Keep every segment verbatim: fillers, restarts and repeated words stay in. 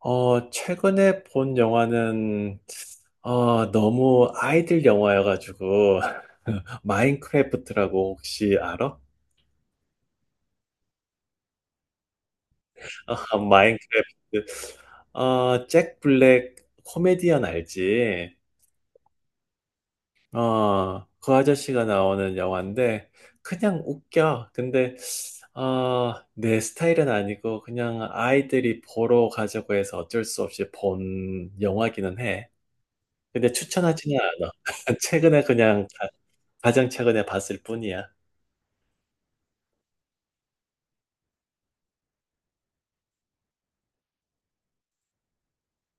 어, 최근에 본 영화는, 어, 너무 아이들 영화여가지고, 마인크래프트라고 혹시 알아? 아, 마인크래프트. 어, 잭 블랙 코미디언 알지? 어, 그 아저씨가 나오는 영화인데, 그냥 웃겨. 근데, 어, 내 스타일은 아니고, 그냥 아이들이 보러 가자고 해서 어쩔 수 없이 본 영화기는 해. 근데 추천하지는 않아. 최근에 그냥 가장 최근에 봤을 뿐이야.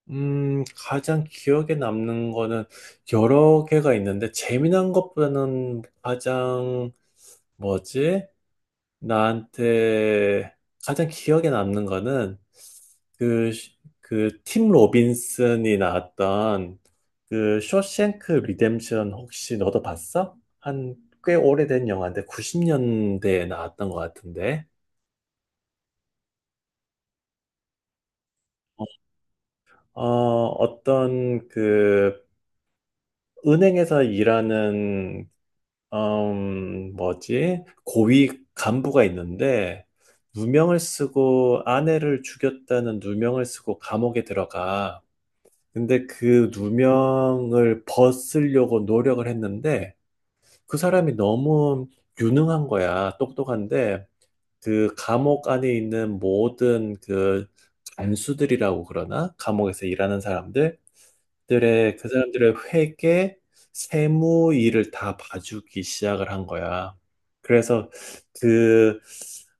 음, 가장 기억에 남는 거는 여러 개가 있는데, 재미난 것보다는 가장, 뭐지? 나한테 가장 기억에 남는 거는, 그, 그, 팀 로빈슨이 나왔던 그 쇼생크 리뎀션 혹시 너도 봤어? 한 꽤 오래된 영화인데 구십 년대에 나왔던 것 같은데. 어, 어떤 그 은행에서 일하는, 음, 뭐지? 고위 간부가 있는데, 누명을 쓰고 아내를 죽였다는 누명을 쓰고 감옥에 들어가. 근데 그 누명을 벗으려고 노력을 했는데, 그 사람이 너무 유능한 거야. 똑똑한데, 그 감옥 안에 있는 모든 그 간수들이라고 그러나? 감옥에서 일하는 사람들? 들의 그 사람들의 회계, 세무 일을 다 봐주기 시작을 한 거야. 그래서 그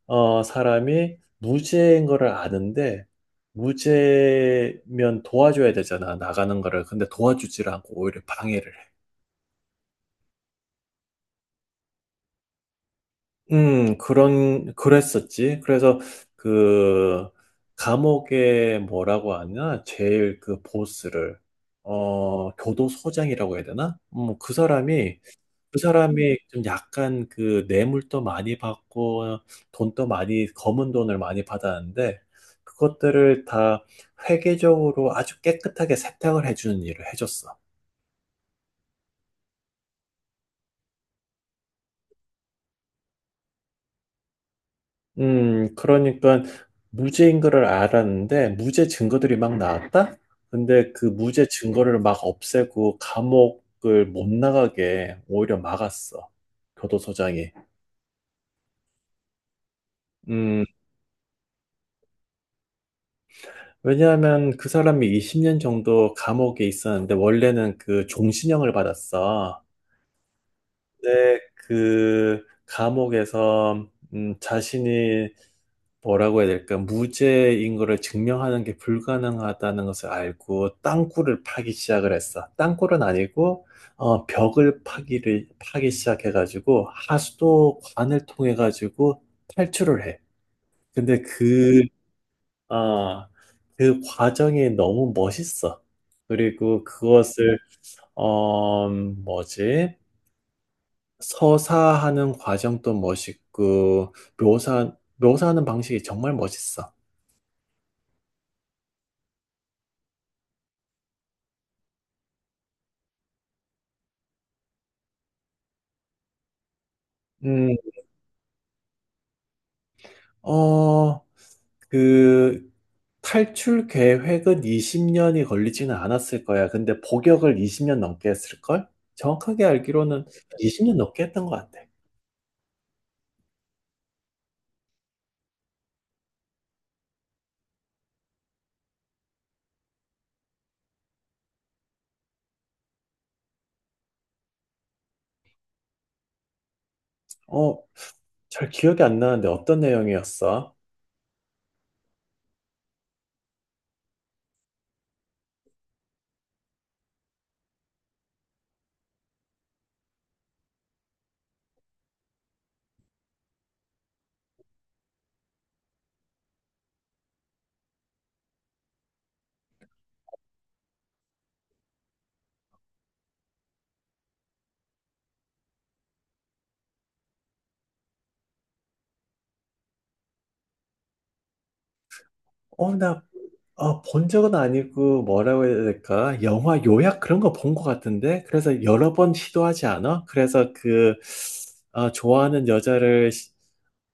어, 사람이 무죄인 거를 아는데 무죄면 도와줘야 되잖아 나가는 거를. 근데 도와주질 않고 오히려 방해를 해. 음, 그런, 그랬었지. 그래서 그 감옥에 뭐라고 하냐? 제일 그 보스를, 어, 교도소장이라고 해야 되나? 음, 그 사람이 그 사람이 좀 약간 그 뇌물도 많이 받고 돈도 많이 검은 돈을 많이 받았는데 그것들을 다 회계적으로 아주 깨끗하게 세탁을 해주는 일을 해줬어. 음, 그러니까 무죄인 거를 알았는데 무죄 증거들이 막 나왔다? 근데 그 무죄 증거를 막 없애고 감옥을 못 나가게 오히려 막았어. 교도소장이. 음, 왜냐하면 그 사람이 이십 년 정도 감옥에 있었는데 원래는 그 종신형을 받았어. 근데 그 감옥에서 음, 자신이 뭐라고 해야 될까? 무죄인 거를 증명하는 게 불가능하다는 것을 알고 땅굴을 파기 시작을 했어. 땅굴은 아니고 어, 벽을 파기를 파기 시작해가지고 하수도관을 통해 가지고 탈출을 해. 근데 그 아, 그 과정이 너무 멋있어. 그리고 그것을, 어, 뭐지? 서사하는 과정도 멋있고, 묘사, 묘사하는 방식이 정말 멋있어. 음, 어, 그, 탈출 계획은 이십 년이 걸리지는 않았을 거야. 근데 복역을 이십 년 넘게 했을걸? 정확하게 알기로는 이십 년 넘게 했던 것 같아. 어, 잘 기억이 안 나는데 어떤 내용이었어? 어, 나 어, 본 적은 아니고 뭐라고 해야 될까? 영화 요약 그런 거 본 것 같은데? 그래서 여러 번 시도하지 않아? 그래서 그, 어, 좋아하는 여자를, 시-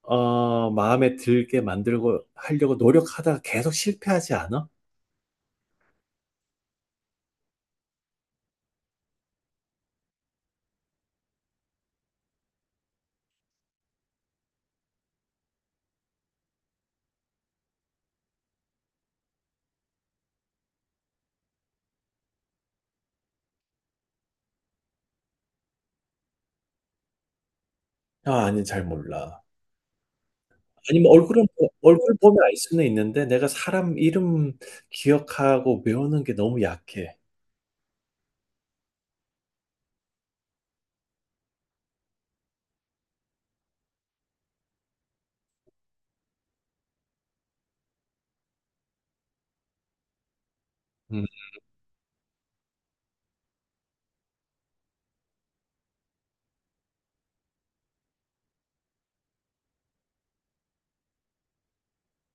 어, 마음에 들게 만들고 하려고 노력하다가 계속 실패하지 않아? 아, 아니, 잘 몰라. 아니면 얼굴은, 보- 얼굴 보면 알 수는 있는데 내가 사람 이름 기억하고 외우는 게 너무 약해. 음.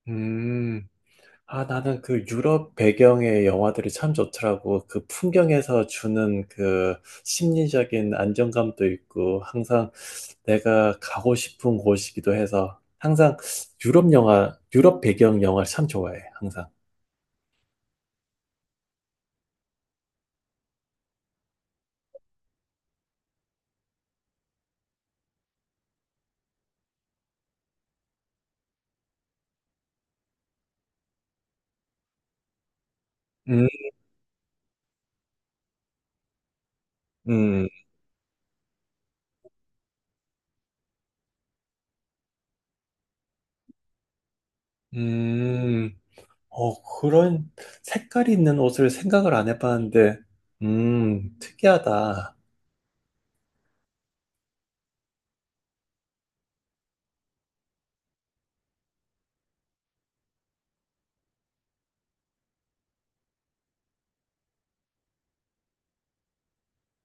음. 아, 나는 그 유럽 배경의 영화들이 참 좋더라고. 그 풍경에서 주는 그 심리적인 안정감도 있고, 항상 내가 가고 싶은 곳이기도 해서, 항상 유럽 영화, 유럽 배경 영화를 참 좋아해, 항상. 음, 음, 음, 어, 그런 색깔이 있는 옷을 생각을 안 해봤는데, 음, 특이하다.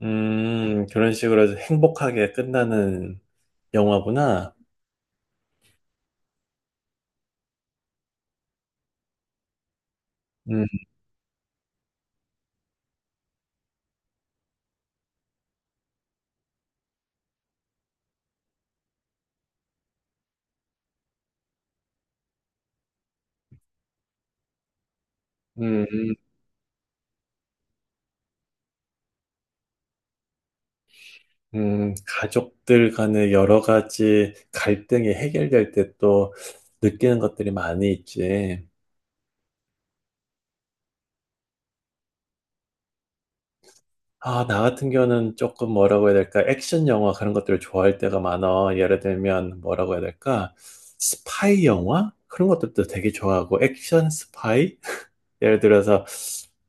음, 그런 식으로 행복하게 끝나는 영화구나. 음, 음. 음, 가족들 간의 여러 가지 갈등이 해결될 때 또 느끼는 것들이 많이 있지. 아, 나 같은 경우는 조금 뭐라고 해야 될까? 액션 영화 그런 것들을 좋아할 때가 많아. 예를 들면 뭐라고 해야 될까? 스파이 영화? 그런 것들도 되게 좋아하고, 액션 스파이? 예를 들어서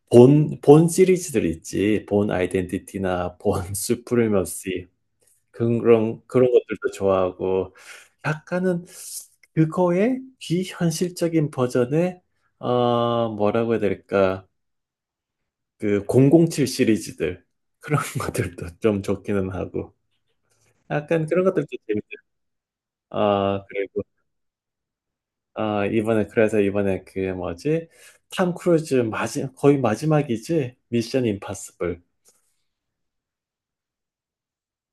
본, 본 시리즈들 있지. 본 아이덴티티나 본 수프리머시 그런 그런 것들도 좋아하고 약간은 그거의 비현실적인 버전의 어 뭐라고 해야 될까 그 공공칠 시리즈들 그런 것들도 좀 좋기는 하고 약간 그런 것들도 재밌어요. 아 그리고 아 이번에 그래서 이번에 그 뭐지 탐 크루즈 마지 거의 마지막이지 미션 임파서블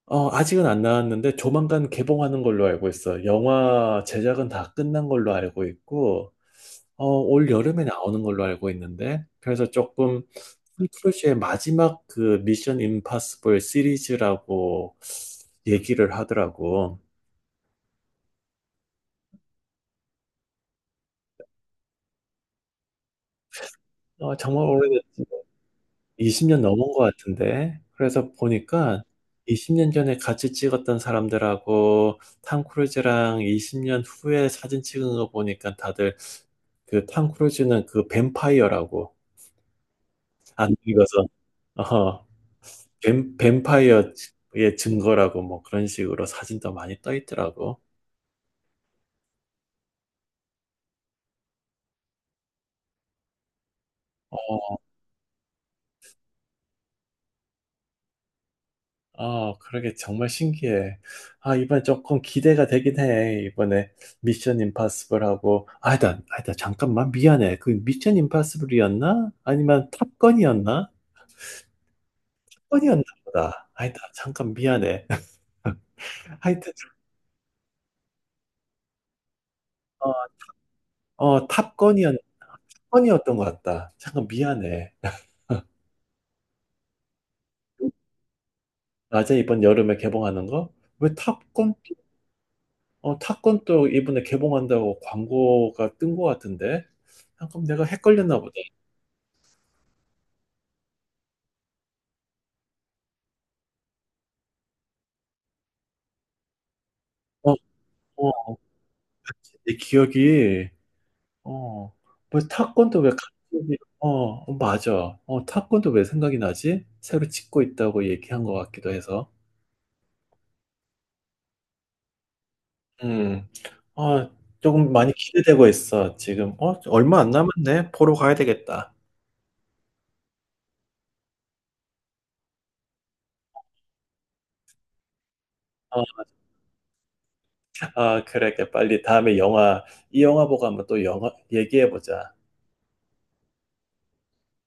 어, 아직은 안 나왔는데 조만간 개봉하는 걸로 알고 있어. 영화 제작은 다 끝난 걸로 알고 있고, 어, 올 여름에 나오는 걸로 알고 있는데, 그래서 조금 풀 크루즈의 마지막 그 미션 임파서블 시리즈라고 얘기를 하더라고. 어, 정말 오래됐지. 이십 년 넘은 것 같은데. 그래서 보니까 이십 년 전에 같이 찍었던 사람들하고 탐 크루즈랑 이십 년 후에 사진 찍은 거 보니까 다들 그 탐 크루즈는 그 뱀파이어라고 안 늙어서 뱀, 뱀파이어의 증거라고 뭐 그런 식으로 사진도 많이 떠 있더라고. 어, 아, 그러게 정말 신기해. 아, 이번에 조금 기대가 되긴 해. 이번에 미션 임파서블하고 아니다, 아니다, 잠깐만 미안해. 그 미션 임파서블이었나? 아니면 탑건이었나? 탑건이었나 보다. 아니다, 잠깐 미안해. 하여튼 어, 어 탑건이었, 탑건이었던 것 같다. 잠깐 미안해. 맞아, 이번 여름에 개봉하는 거? 왜 탑건? 어, 탑건 또 이번에 개봉한다고 광고가 뜬 것 같은데? 아, 그럼 내가 헷갈렸나 보다. 어, 어, 내 기억이, 어, 뭐 탑건도 왜 갑자기, 어, 어, 맞아. 어, 탑건도 왜 생각이 나지? 새로 찍고 있다고 얘기한 것 같기도 해서. 음, 아, 조금 많이 기대되고 있어, 지금. 어, 얼마 안 남았네. 보러 가야 되겠다. 어, 아, 그래, 그래. 빨리 다음에 영화, 이 영화 보고 한번 또 영화 얘기해보자.